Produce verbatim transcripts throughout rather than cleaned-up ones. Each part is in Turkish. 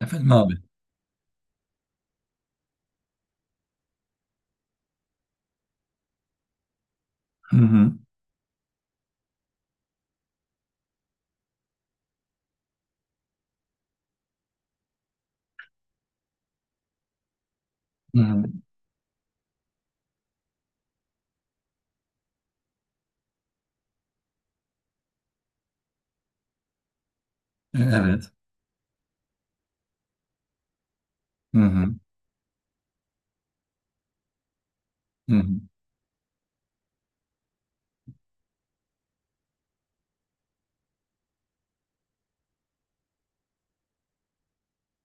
Efendim abi. Hı hı. Hı hı. E, Evet. Hı hı. Hı hı.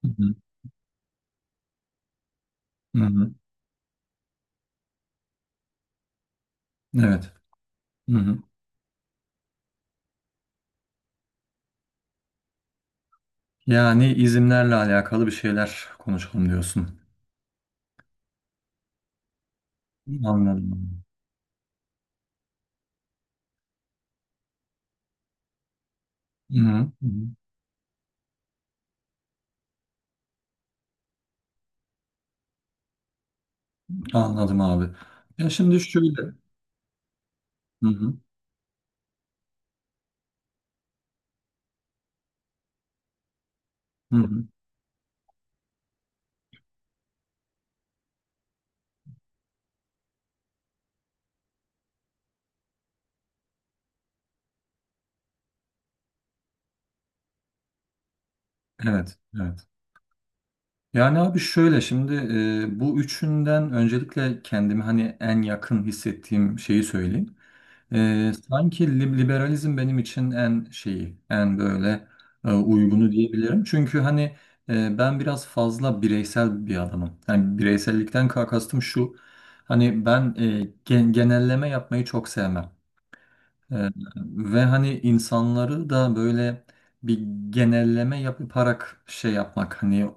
Hı hı. Hı hı. Evet. Hı hı. Yani izimlerle alakalı bir şeyler konuşalım diyorsun. Anladım. Hı hı. Hı hı. Anladım abi. Ya şimdi şöyle. Hı hı. Hı hı. Evet. Evet. Yani abi şöyle şimdi e, bu üçünden öncelikle kendimi hani en yakın hissettiğim şeyi söyleyeyim. Ee, sanki lib- liberalizm benim için en şeyi, en böyle e, uygunu diyebilirim. Çünkü hani e, ben biraz fazla bireysel bir adamım. Yani bireysellikten ka- kastım şu, hani ben e, gen- genelleme yapmayı çok sevmem. Ee, ve hani insanları da böyle bir genelleme yaparak şey yapmak hani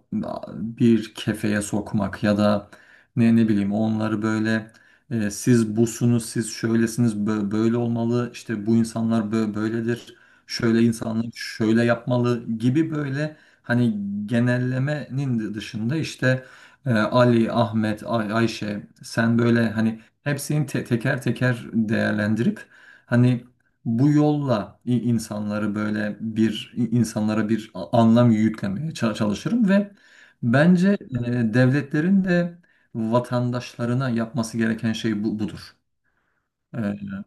bir kefeye sokmak ya da ne ne bileyim onları böyle e, siz busunuz siz şöylesiniz bö- böyle olmalı işte bu insanlar bö- böyledir şöyle insanlar şöyle yapmalı gibi böyle hani genellemenin dışında işte e, Ali, Ahmet, Ay- Ayşe sen böyle hani hepsini te- teker teker değerlendirip Hani bu yolla i- insanları böyle bir i- insanlara bir a- anlam yüklemeye ça- çalışırım ve bence e, devletlerin de vatandaşlarına yapması gereken şey bu, budur. E,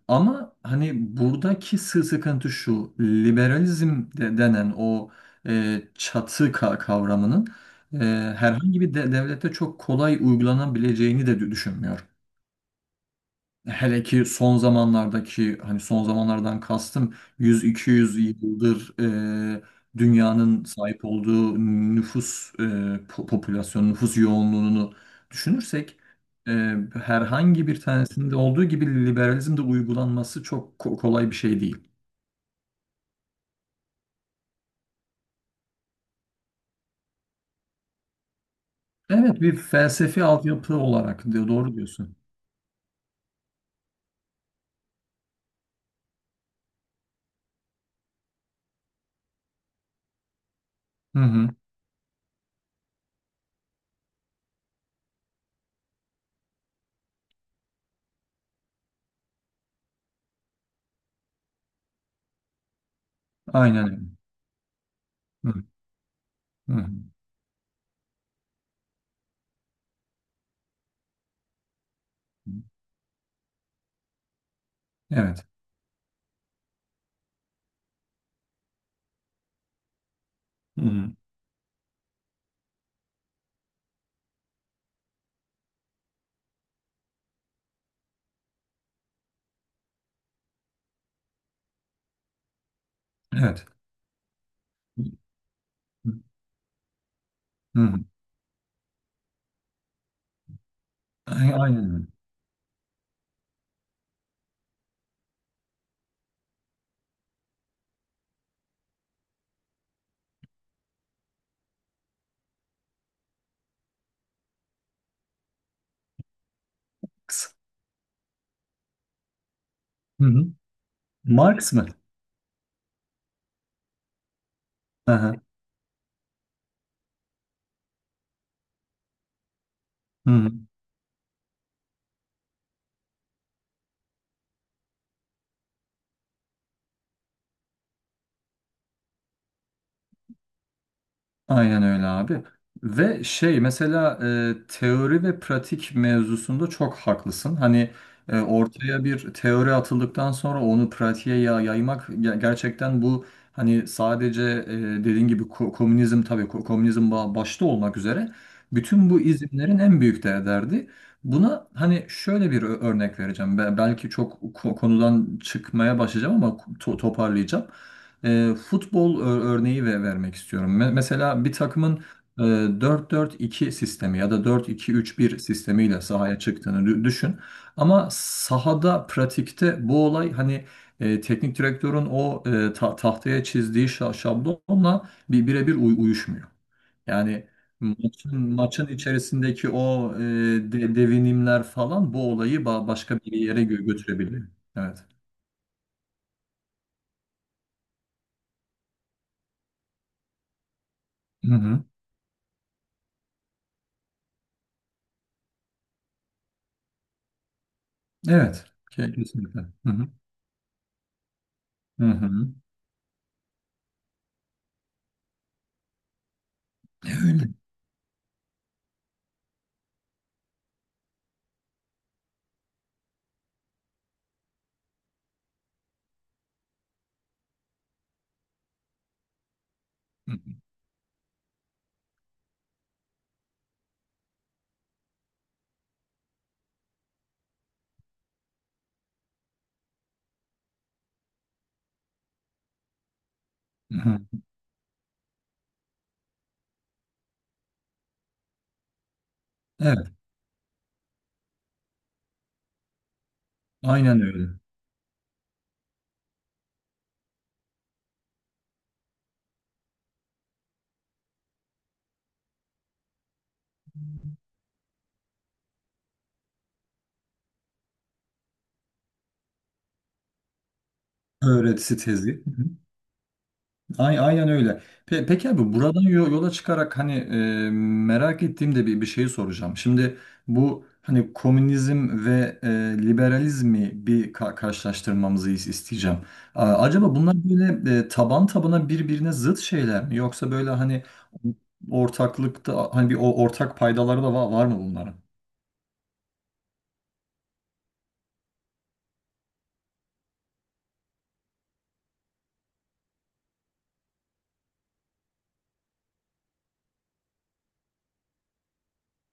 ama hani buradaki sı- sıkıntı şu, liberalizm de, denen o e, çatı ka- kavramının e, herhangi bir de- devlette çok kolay uygulanabileceğini de dü- düşünmüyorum. Hele ki son zamanlardaki hani son zamanlardan kastım yüz iki yüz yıldır e, dünyanın sahip olduğu nüfus e, po- popülasyon, nüfus yoğunluğunu düşünürsek e, herhangi bir tanesinde olduğu gibi liberalizmde uygulanması çok ko- kolay bir şey değil. Evet, bir felsefi altyapı olarak de- doğru diyorsun. Hı hı, aynen öyle. Hı, hı, hı. Evet. Hı hı, Evet. Hı hı. Aynen öyle. Kısa. Hı hı. Marx mı? Aha. Hı hı. Aynen öyle abi. Ve şey mesela e, teori ve pratik mevzusunda çok haklısın. Hani e, ortaya bir teori atıldıktan sonra onu pratiğe ya- yaymak ge- gerçekten bu hani sadece e, dediğin gibi ko- komünizm tabii ko- komünizm ba- başta olmak üzere bütün bu izimlerin en büyük de derdi. Buna hani şöyle bir ö- örnek vereceğim. Be- belki çok ko- konudan çıkmaya başlayacağım ama to- toparlayacağım. E, futbol ö- örneği ve vermek istiyorum. Me- mesela bir takımın e, dört 4 iki sistemi ya da dört iki üç bir sistemiyle sahaya çıktığını dü- düşün. Ama sahada, pratikte bu olay hani e, teknik direktörün o e, ta- tahtaya çizdiği şa- şablonla bir birebir uy- uyuşmuyor. Yani maçın, maçın içerisindeki o e, de- devinimler falan bu olayı ba- başka bir yere gö- götürebiliyor. Evet. Hı hı. Evet. Ke- Kesinlikle. Hı hı. Hı hı. E, Öyle. Hı hı. Hı hı. Evet, aynen öyle. Öğretisi tezi. Hı hı. Ay- Aynen öyle. Pe peki abi buradan yo- yola çıkarak hani e, merak ettiğimde bir, bir şeyi soracağım. Şimdi bu hani komünizm ve e, liberalizmi bir ka- karşılaştırmamızı is- isteyeceğim. A- acaba bunlar böyle e, taban tabana birbirine zıt şeyler mi? Yoksa böyle hani ortaklıkta hani bir o- ortak paydaları da var, var mı bunların?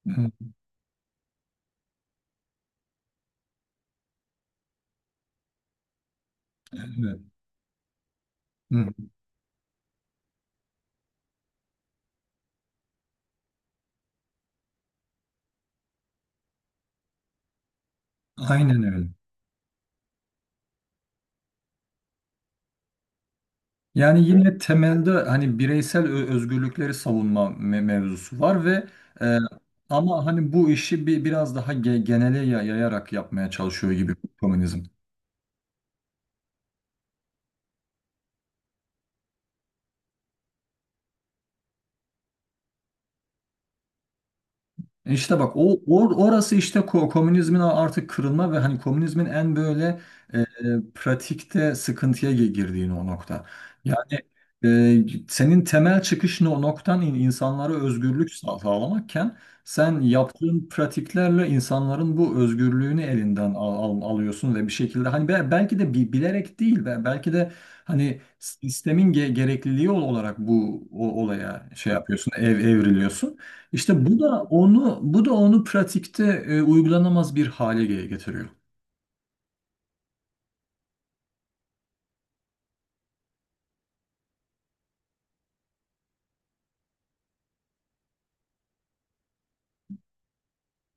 Hı, Evet. Hı. Aynen öyle. Yani yine temelde hani bireysel ö- özgürlükleri savunma me- mevzusu var ve e, ama hani bu işi bir biraz daha ge- genele ya- yayarak yapmaya çalışıyor gibi komünizm. E İşte bak o or- orası işte ko- komünizmin artık kırılma ve hani komünizmin en böyle e, e, pratikte sıkıntıya gi- girdiğini o nokta. Yani e, senin temel çıkış no- noktan in- insanlara özgürlük sağ- sağlamakken sen yaptığın pratiklerle insanların bu özgürlüğünü elinden al- al- alıyorsun ve bir şekilde hani be- belki de bi- bilerek değil be- belki de hani sistemin ge- gerekliliği ol- olarak bu o- olaya şey yapıyorsun ev evriliyorsun. İşte bu da onu bu da onu pratikte e, uygulanamaz bir hale ge- getiriyor.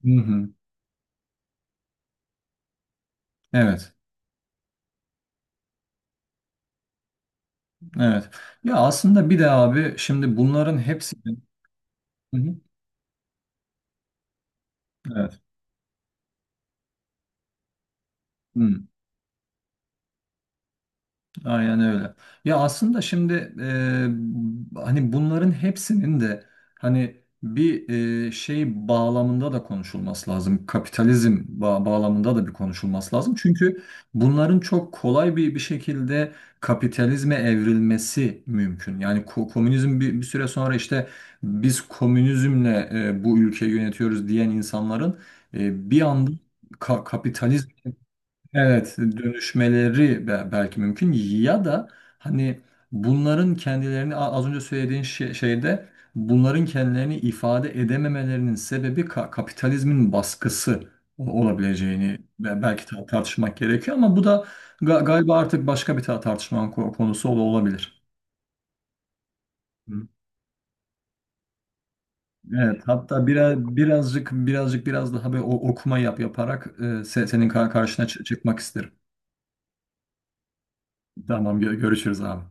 Hı hı. Evet. Evet. Ya aslında bir de abi şimdi bunların hepsi. Hı hı, Evet. Hı. Aynen öyle. Ya aslında şimdi e, hani bunların hepsinin de hani bir e, şey bağlamında da konuşulması lazım. Kapitalizm ba- bağlamında da bir konuşulması lazım. Çünkü bunların çok kolay bir bir şekilde kapitalizme evrilmesi mümkün. Yani ko- komünizm bir, bir süre sonra işte biz komünizmle e, bu ülkeyi yönetiyoruz diyen insanların e, bir anda ka- kapitalizm, Evet, dönüşmeleri be- belki mümkün ya da hani bunların kendilerini a- az önce söylediğin şey- şeyde bunların kendilerini ifade edememelerinin sebebi ka- kapitalizmin baskısı o- olabileceğini be- belki ta- tartışmak gerekiyor ama bu da ga- galiba artık başka bir ta- tartışmanın ko- konusu ol- olabilir. Hı. Evet, hatta biraz birazcık birazcık biraz daha bir o- okuma yap yaparak e, se- senin kar- karşına çı- çıkmak isterim. Tamam, gö- görüşürüz abi.